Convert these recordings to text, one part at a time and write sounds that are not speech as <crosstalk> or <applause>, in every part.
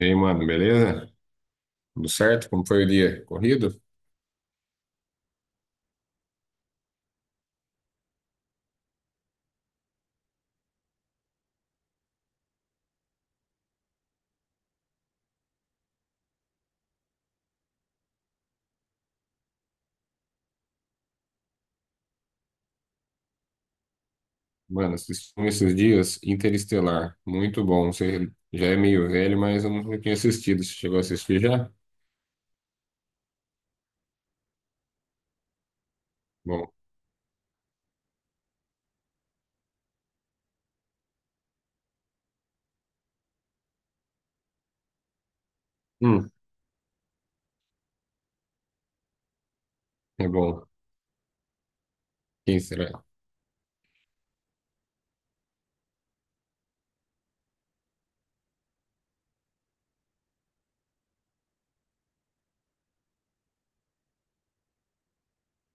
E aí, mano, beleza? Tudo certo? Como foi o dia? Corrido? Mano, assisti um esses dias Interestelar. Muito bom. Você já é meio velho, mas eu nunca tinha assistido. Você chegou a assistir já? Bom. Hum, é bom. Quem será?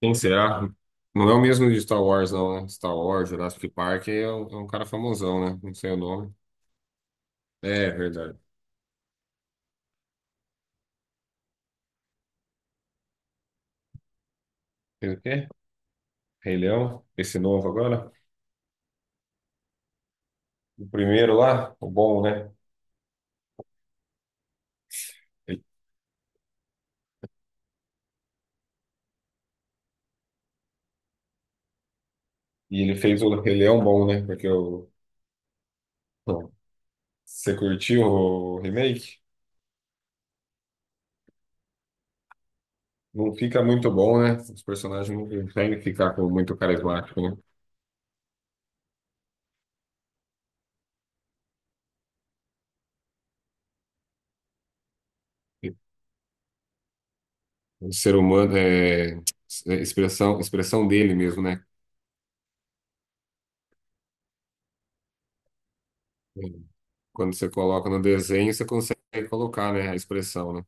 Quem será? Não é o mesmo de Star Wars, não, né? Star Wars, Jurassic Park é um cara famosão, né? Não sei o nome. É, verdade. Fez o quê? Rei Leão? Esse novo agora? O primeiro lá? O bom, né? E ele fez o Rei Leão bom, né? Porque o. Você curtiu o remake? Não fica muito bom, né? Os personagens não conseguem ficar com muito carismático, né? O ser humano é expressão, expressão dele mesmo, né? Quando você coloca no desenho, você consegue colocar, né, a expressão, né?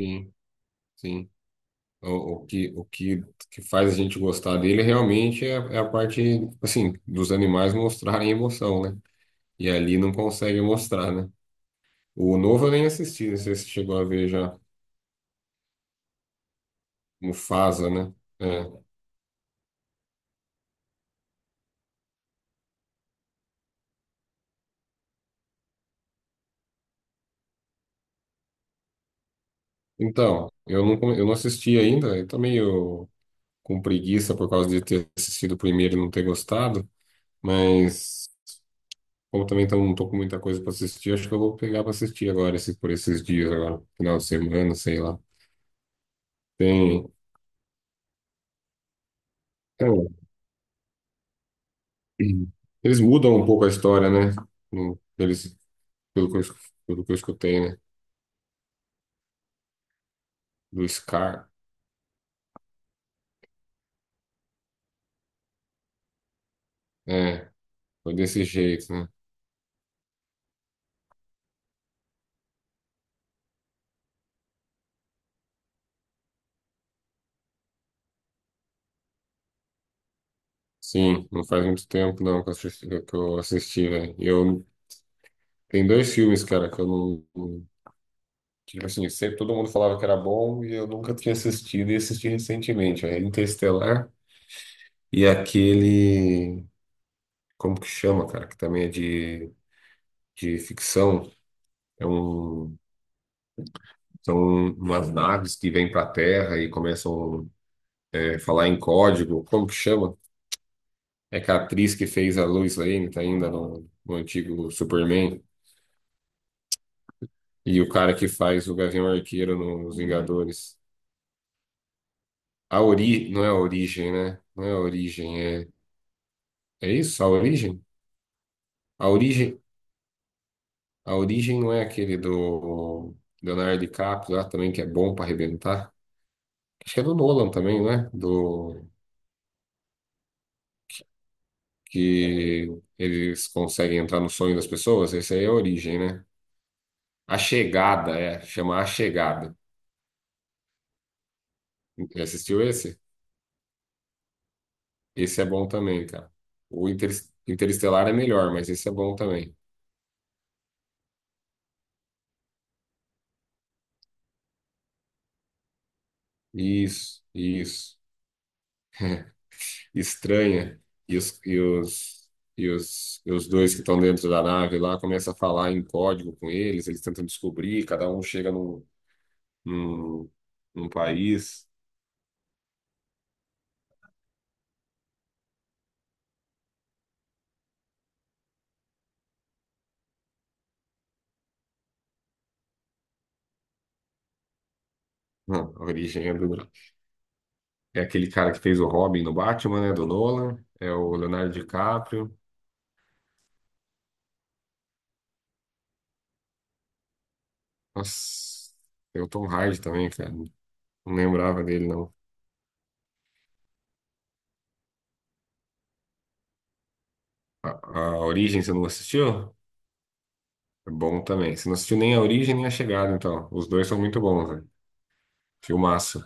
Sim, sim. O, o que faz a gente gostar dele realmente é a parte, assim, dos animais mostrarem emoção, né? E ali não consegue mostrar, né? O novo eu nem assisti, não sei se você chegou a ver já. Mufasa, né? É. Então, eu não assisti ainda, eu tô meio com preguiça por causa de ter assistido o primeiro e não ter gostado, mas como também não tô com muita coisa para assistir, acho que eu vou pegar para assistir agora, esse, por esses dias agora, final de semana, sei lá. Tem, é, <clears throat> eles mudam um pouco a história, né? Eles, pelo que eu, es- pelo que eu escutei, né? Do Scar. É, foi desse jeito, né? Sim, não faz muito tempo não que eu assisti, velho. E eu Tem dois filmes, cara, que eu não. não- Tipo assim, sempre todo mundo falava que era bom e eu nunca tinha assistido e assisti recentemente. É Interestelar e aquele. Como que chama, cara? Que também é de ficção. É um, são umas naves que vêm pra Terra e começam a falar em código. Como que chama? É que a atriz que fez a Lois Lane, tá ainda no antigo Superman, e o cara que faz o Gavião Arqueiro nos Vingadores. Não é a origem, né? Não é a origem, é... É isso? A origem? A origem, a origem não é aquele do Leonardo DiCaprio lá também, que é bom para arrebentar? Acho que é do Nolan também, não é? Do... Que eles conseguem entrar no sonho das pessoas. Esse aí é a origem, né? A Chegada, é. Chama A Chegada. Assistiu esse? Esse é bom também, cara. O Inter... Interestelar é melhor, mas esse é bom também. Isso, isso. <laughs> estranha e os, e os, e os dois que estão dentro da nave lá começam a falar em código com eles, eles tentam descobrir, cada um chega num, num país. Não, a origem é do... É aquele cara que fez o Robin no Batman, né, do Nolan, é o Leonardo DiCaprio. Nossa, tem o Tom Hardy também, cara, não lembrava dele, não. A, a Origem você não assistiu? É bom também. Você não assistiu nem a Origem nem a Chegada, então. Os dois são muito bons, velho. Filmaço.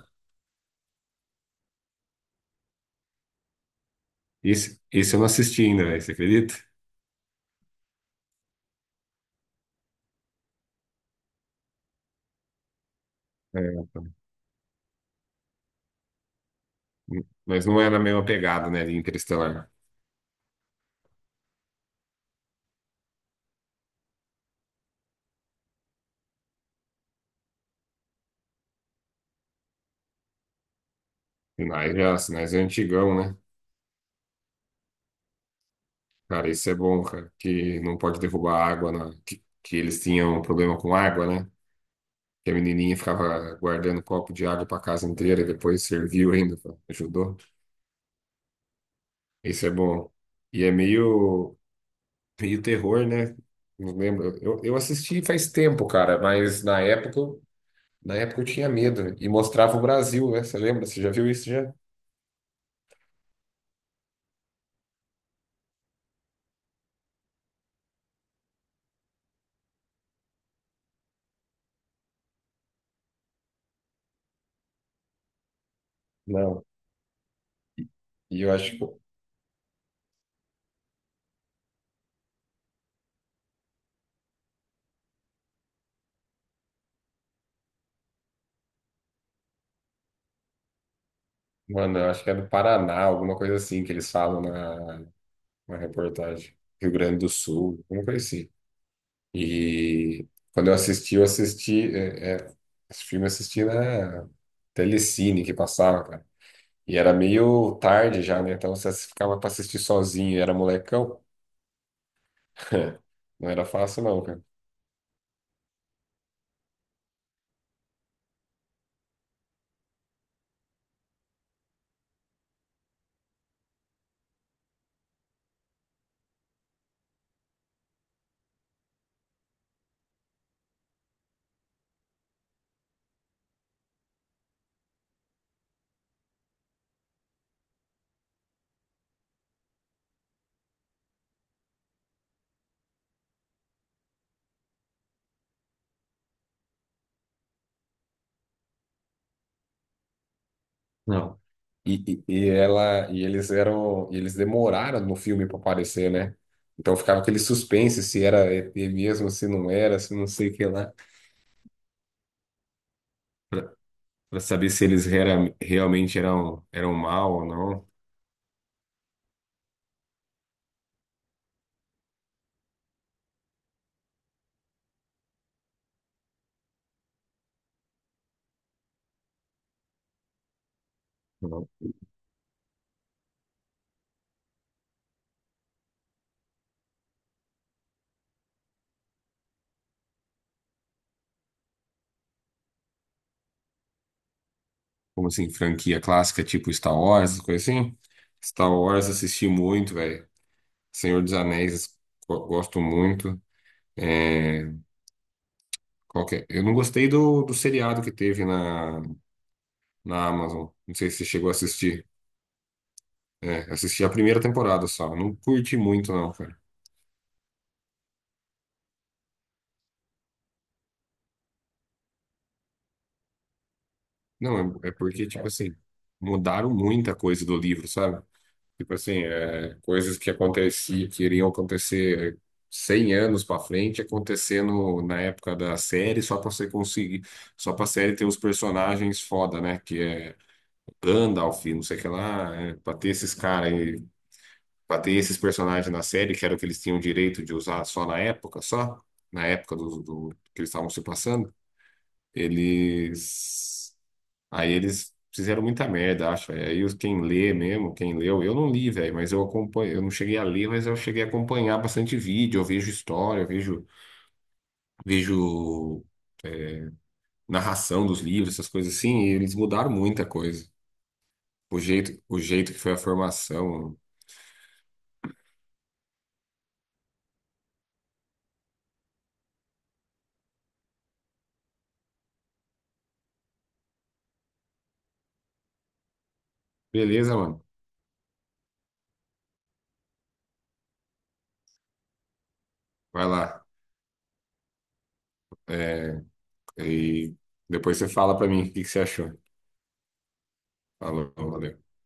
Esse eu não assisti ainda, velho, você acredita? É, tá. Mas não é na mesma pegada, né, de Interestelar. Sinais já, Sinais é antigão, né? Cara, isso é bom, cara, que não pode derrubar água, que eles tinham um problema com água, né? Que a menininha ficava guardando copo de água pra casa inteira, depois serviu ainda, pô, ajudou. Isso é bom. E é meio terror, né? Não lembro. Eu assisti faz tempo, cara, mas na época eu tinha medo e mostrava o Brasil, né? Você lembra? Você já viu isso já? Não. E eu acho que, Mano, eu acho que é do Paraná, alguma coisa assim que eles falam na reportagem. Rio Grande do Sul, alguma coisa assim. E quando eu assisti, esse filme eu assisti na Telecine que passava, cara. E era meio tarde já, né? Então você ficava pra assistir sozinho, era molecão. <laughs> Não era fácil não, cara. Não. E ela e eles demoraram no filme para aparecer, né? Então ficava aquele suspense se era ET mesmo, se não era, se não sei o que lá, para pra saber se realmente eram mal ou não. Não. Como assim, franquia clássica tipo Star Wars, essas coisas assim? Star Wars assisti muito, velho. Senhor dos Anéis, gosto muito. É, qual que é? Eu não gostei do seriado que teve na Amazon. Não sei se você chegou a assistir. É, assisti a primeira temporada só. Não curti muito, não, cara. Não, é porque, tipo assim, mudaram muita coisa do livro, sabe? Tipo assim, é, coisas que aconteciam, que iriam acontecer 100 anos pra frente, acontecendo na época da série, só pra você conseguir, só pra série ter os personagens foda, né? Que é Gandalf, não sei o que lá, é, pra ter esses personagens na série, que era o que eles tinham direito de usar só, na época que eles estavam se passando, eles. Aí eles fizeram muita merda, acho, velho. Aí quem lê mesmo, quem leu, eu não li, velho, mas eu acompanho, eu não cheguei a ler, mas eu cheguei a acompanhar bastante vídeo, eu vejo história, vejo narração dos livros, essas coisas assim, e eles mudaram muita coisa. O jeito que foi a formação. Beleza, mano. Vai lá. É, e depois você fala pra mim o que que você achou. Falou, valeu.